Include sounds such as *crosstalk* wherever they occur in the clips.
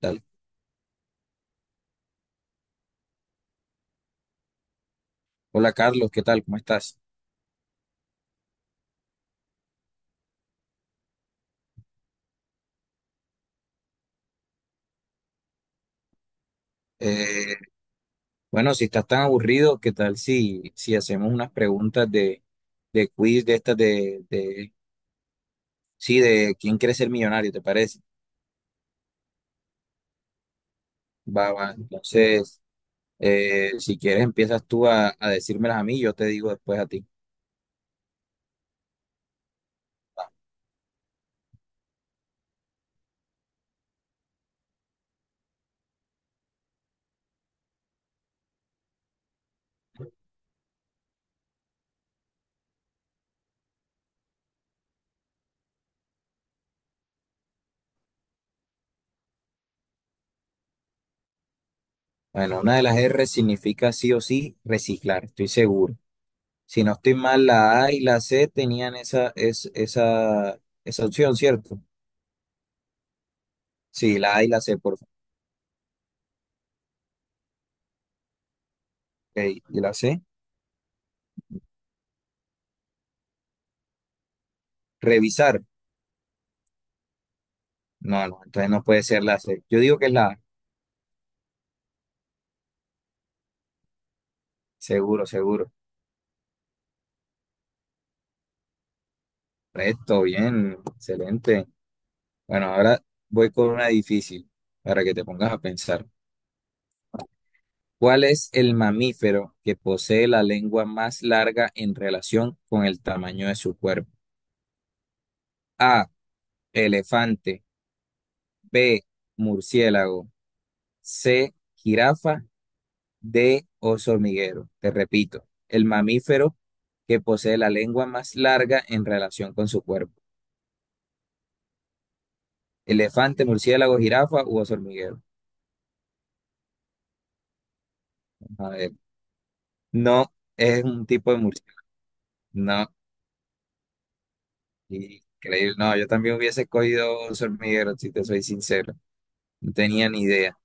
Dale. Hola Carlos, ¿qué tal? ¿Cómo estás? Eh, bueno, si estás tan aburrido, ¿qué tal si hacemos unas preguntas de quiz de estas sí, de quién quiere ser millonario? ¿Te parece? Va, va. Entonces, si quieres empiezas tú a decírmelas a mí, yo te digo después a ti. Bueno, una de las R significa sí o sí reciclar, estoy seguro. Si no estoy mal, la A y la C tenían esa opción, ¿cierto? Sí, la A y la C, por favor. Ok, ¿y la C? Revisar. No, no, entonces no puede ser la C. Yo digo que es la A. Seguro, seguro. Correcto, bien, excelente. Bueno, ahora voy con una difícil para que te pongas a pensar. ¿Cuál es el mamífero que posee la lengua más larga en relación con el tamaño de su cuerpo? A, elefante, B, murciélago, C, jirafa, D, oso hormiguero. Te repito, el mamífero que posee la lengua más larga en relación con su cuerpo. Elefante, murciélago, jirafa u oso hormiguero. A ver, no, es un tipo de murciélago. No, increíble. No, yo también hubiese escogido oso hormiguero, si te soy sincero. No tenía ni idea.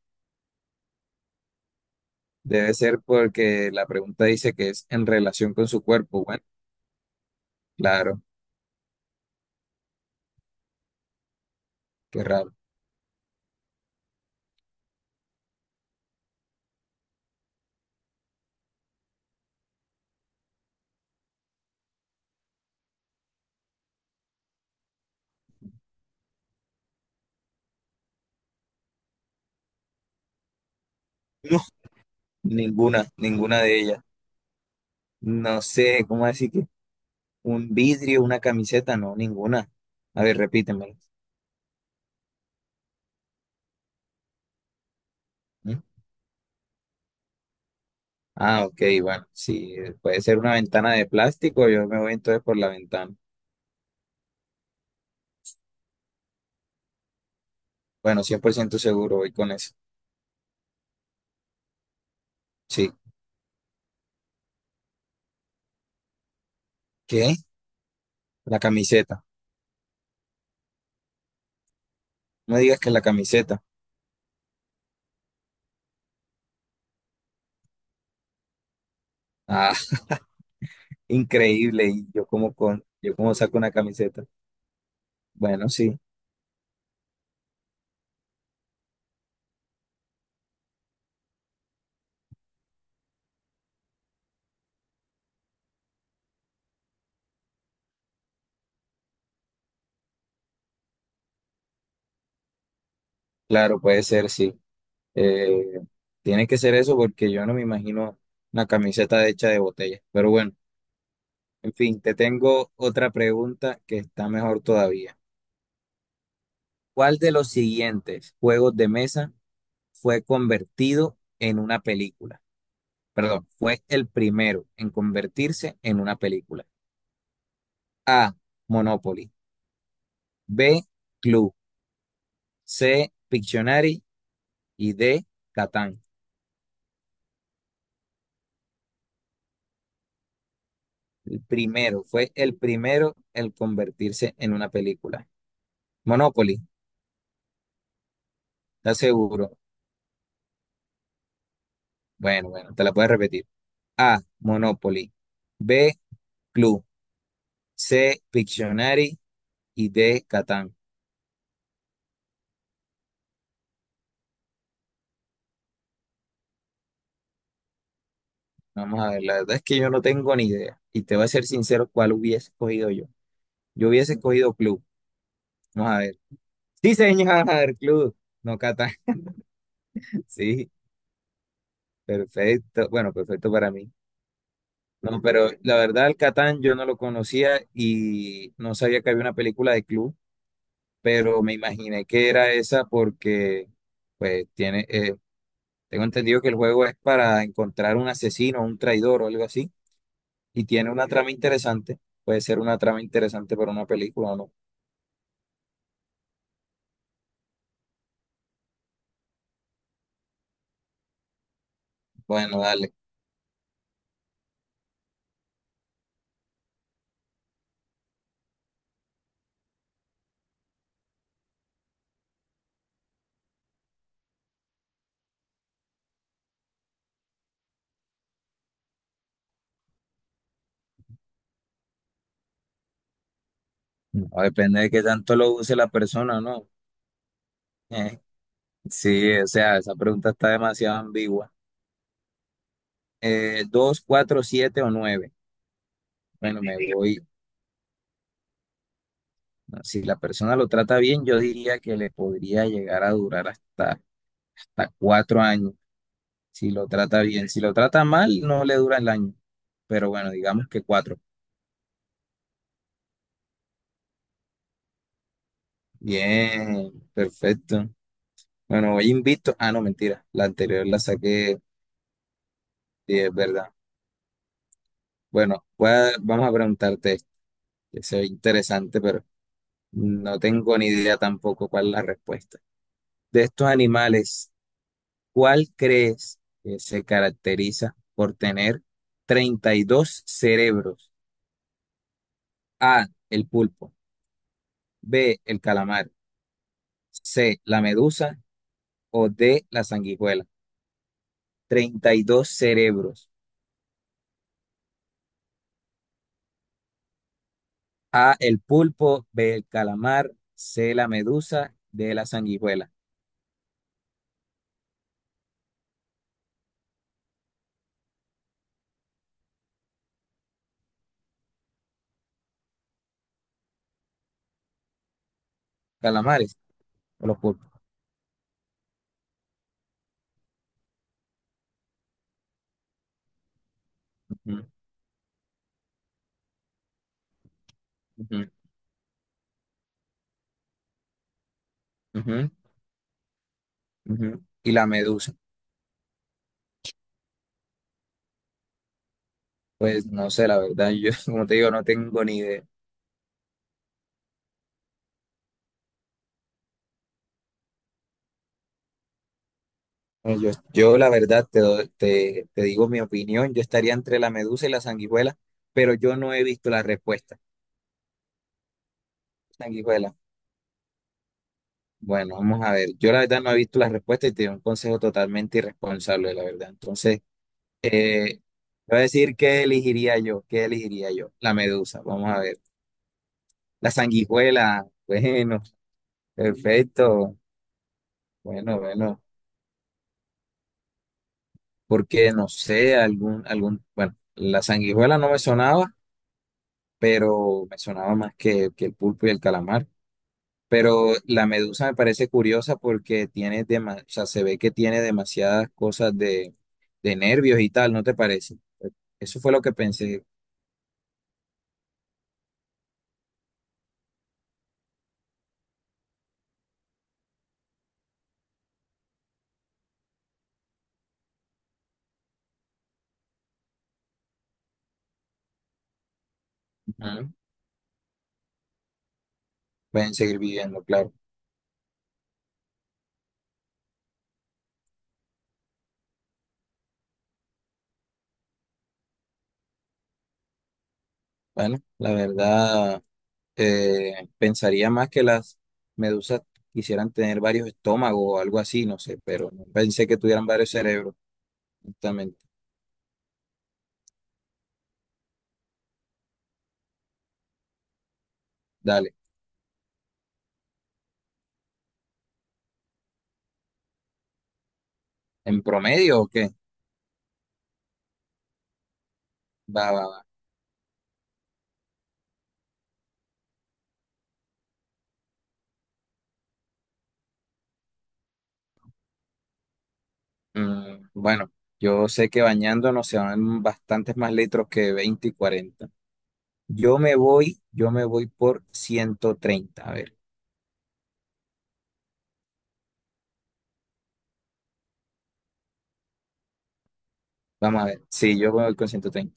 Debe ser porque la pregunta dice que es en relación con su cuerpo. Bueno, claro, qué raro. No, ninguna, ninguna de ellas. No sé, ¿cómo decir que un vidrio, una camiseta? No, ninguna. A ver, repítemelo. ¿Mm? Ah, ok, bueno, si puede ser una ventana de plástico, yo me voy entonces por la ventana. Bueno, 100% seguro voy con eso. Sí. ¿Qué? La camiseta. No digas que la camiseta. Ah, increíble. Y yo como saco una camiseta. Bueno, sí, claro, puede ser, sí. Eh, Tiene que ser eso porque yo no me imagino una camiseta hecha de botella. Pero bueno, en fin, te tengo otra pregunta que está mejor todavía. ¿Cuál de los siguientes juegos de mesa fue convertido en una película? Perdón, fue el primero en convertirse en una película. A. Monopoly. B. Clue. C. Pictionary. Y D. Catán. El primero, fue el primero el convertirse en una película. Monopoly, ¿estás seguro? Bueno, bueno, te la puedes repetir. A. Monopoly. B. Clue. C. Pictionary. Y D. Catán. Vamos a ver, la verdad es que yo no tengo ni idea. Y te voy a ser sincero, ¿cuál hubiese escogido yo? Yo hubiese escogido Clue. Vamos a ver. Sí, señor, *laughs* Clue. No, Catán. *laughs* Sí. Perfecto, bueno, perfecto para mí. No, pero la verdad, el Catán yo no lo conocía y no sabía que había una película de club, pero me imaginé que era esa porque, pues, tengo entendido que el juego es para encontrar un asesino, un traidor o algo así, y tiene una trama interesante. Puede ser una trama interesante para una película o no. Bueno, dale. No, depende de qué tanto lo use la persona, ¿no? Eh, sí, o sea, esa pregunta está demasiado ambigua. ¿Dos, cuatro, siete o nueve? Bueno, me voy. Si la persona lo trata bien, yo diría que le podría llegar a durar hasta cuatro años. Si lo trata bien, si lo trata mal, no le dura el año. Pero bueno, digamos que cuatro. Bien, perfecto. Bueno, hoy invito. Ah, no, mentira. La anterior la saqué. Sí, es verdad. Bueno, vamos a preguntarte esto, que se ve interesante, pero no tengo ni idea tampoco cuál es la respuesta. De estos animales, ¿cuál crees que se caracteriza por tener 32 cerebros? A, el pulpo, B, el calamar, C, la medusa o D, la sanguijuela. 32 cerebros. A, el pulpo, B, el calamar, C, la medusa, D, la sanguijuela. Calamares o los pulpos. Ujú, ujú, ujú, ujú. Y la medusa. Pues no sé, la verdad, yo *laughs* como te digo, no tengo ni idea. Bueno, yo la verdad te digo mi opinión, yo estaría entre la medusa y la sanguijuela, pero yo no he visto la respuesta. Sanguijuela, bueno, vamos a ver, yo la verdad no he visto la respuesta y te doy un consejo totalmente irresponsable, la verdad. Entonces, te voy a decir qué elegiría yo, la medusa, vamos a ver. La sanguijuela, bueno, perfecto, bueno, bueno, porque no sé, algún, bueno, la sanguijuela no me sonaba pero me sonaba más que el pulpo y el calamar. Pero la medusa me parece curiosa porque o sea, se ve que tiene demasiadas cosas de nervios y tal, ¿no te parece? Eso fue lo que pensé. Ujú. Pueden seguir viviendo, claro. Bueno, la verdad, pensaría más que las medusas quisieran tener varios estómagos o algo así, no sé, pero no pensé que tuvieran varios cerebros, justamente. Dale, ¿en promedio o qué? Va, va, va. Bueno, yo sé que bañándonos se van bastantes más litros que 20 y 40. Yo me voy por 130. A ver, vamos a ver. Sí, yo me voy con 130.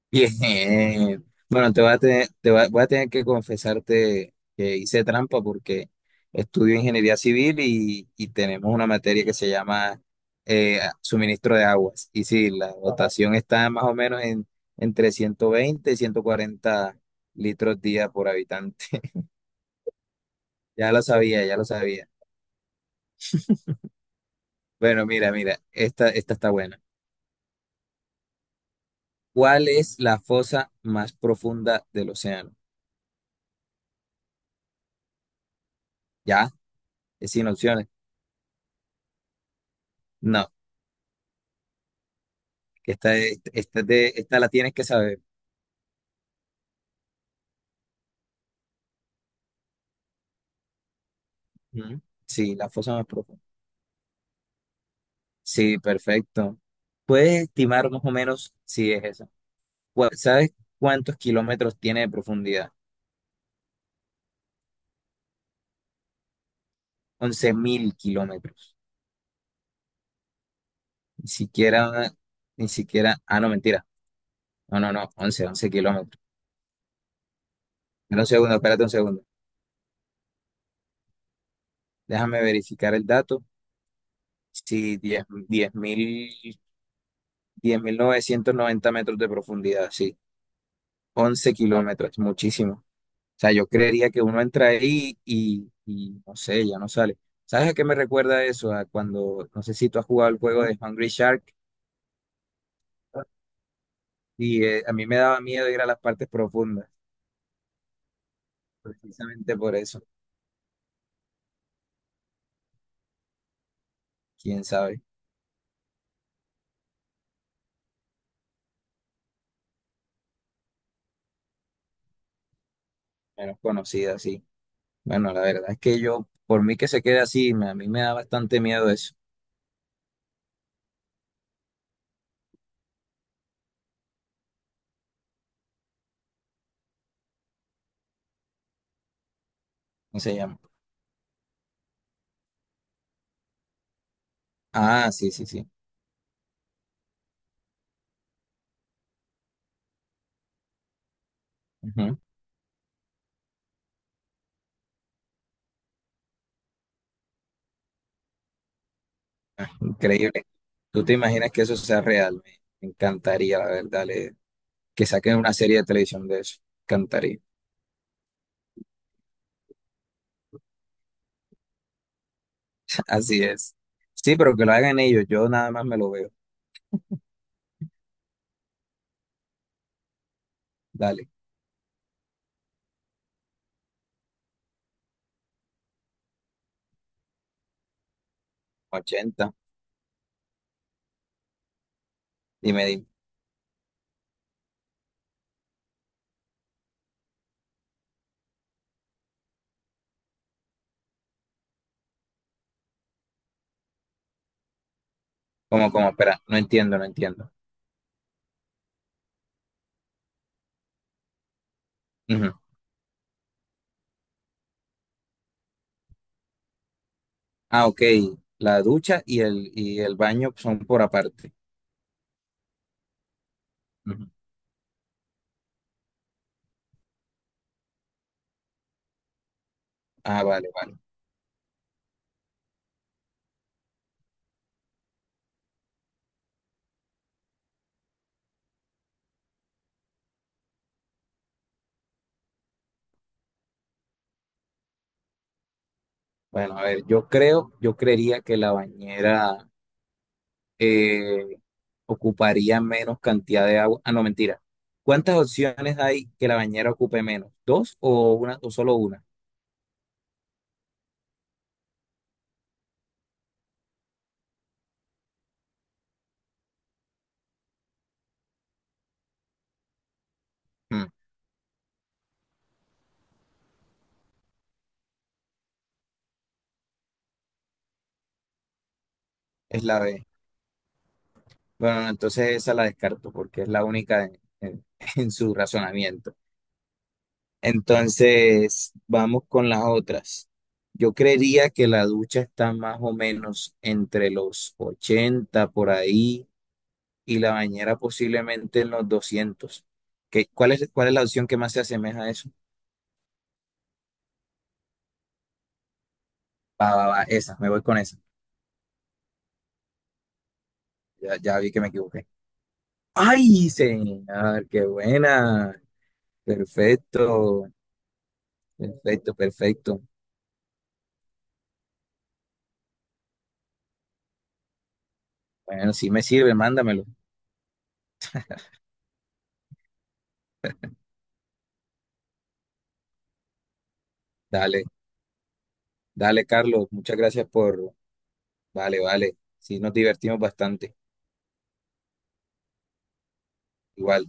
*laughs* Bien. Bueno, te voy a tener que confesarte que hice trampa porque estudio ingeniería civil y tenemos una materia que se llama suministro de aguas. Y sí, la dotación está más o menos entre 120 y 140 litros día por habitante. Ya lo sabía, ya lo sabía. Bueno, mira, mira, esta está buena. ¿Cuál es la fosa más profunda del océano? ¿Ya? ¿Es sin opciones? No, esta la tienes que saber. Ujú. Sí, la fosa más profunda. Sí, perfecto. ¿Puedes estimar más o menos si es esa? ¿Sabes cuántos kilómetros tiene de profundidad? 11.000 kilómetros. Ni siquiera, ni siquiera, ah, no, mentira. No, no, no, once kilómetros. Espera un segundo, espérate un segundo. Déjame verificar el dato. Sí, 10.990 metros de profundidad, sí. Once kilómetros, es muchísimo. O sea, yo creería que uno entra ahí y no sé, ya no sale. ¿Sabes a qué me recuerda eso? A cuando, no sé si tú has jugado el juego de Hungry Shark y a mí me daba miedo ir a las partes profundas, precisamente por eso. ¿Quién sabe? Menos conocida, sí. Bueno, la verdad es que yo, por mí que se quede así, a mí me da bastante miedo eso. Cómo se llama. Ah, sí, sí, sí. Ujú. Ah, increíble. ¿Tú te imaginas que eso sea real? Me encantaría, la verdad, que saquen una serie de televisión de eso. Encantaría. *laughs* Así es. Sí, pero que lo hagan ellos. Yo nada más me lo veo. Dale, 80. Dime, dime. ¿Cómo, cómo? Espera, no entiendo, no entiendo. Ujú. Ah, ok. La ducha y el baño son por aparte. Ujú. Ah, vale, vale. Bueno, a ver, yo creería que la bañera, eh, ocuparía menos cantidad de agua. Ah, no, mentira. ¿Cuántas opciones hay que la bañera ocupe menos? ¿Dos o una o solo una? Mm, es la B. Bueno, no, entonces esa la descarto porque es la única *laughs* en su razonamiento. Entonces, vamos con las otras. Yo creería que la ducha está más o menos entre los 80 por ahí y la bañera posiblemente en los 200. ¿Qué, cuál es la opción que más se asemeja a eso? Va, va, va, esa, me voy con esa. Ya, ya vi que me equivoqué. ¡Ay, señor! ¡Qué buena! Perfecto, perfecto, perfecto. Bueno, sí me sirve, mándamelo. Dale, dale, Carlos. Muchas gracias por. Vale, vale. Sí, nos divertimos bastante. Igual.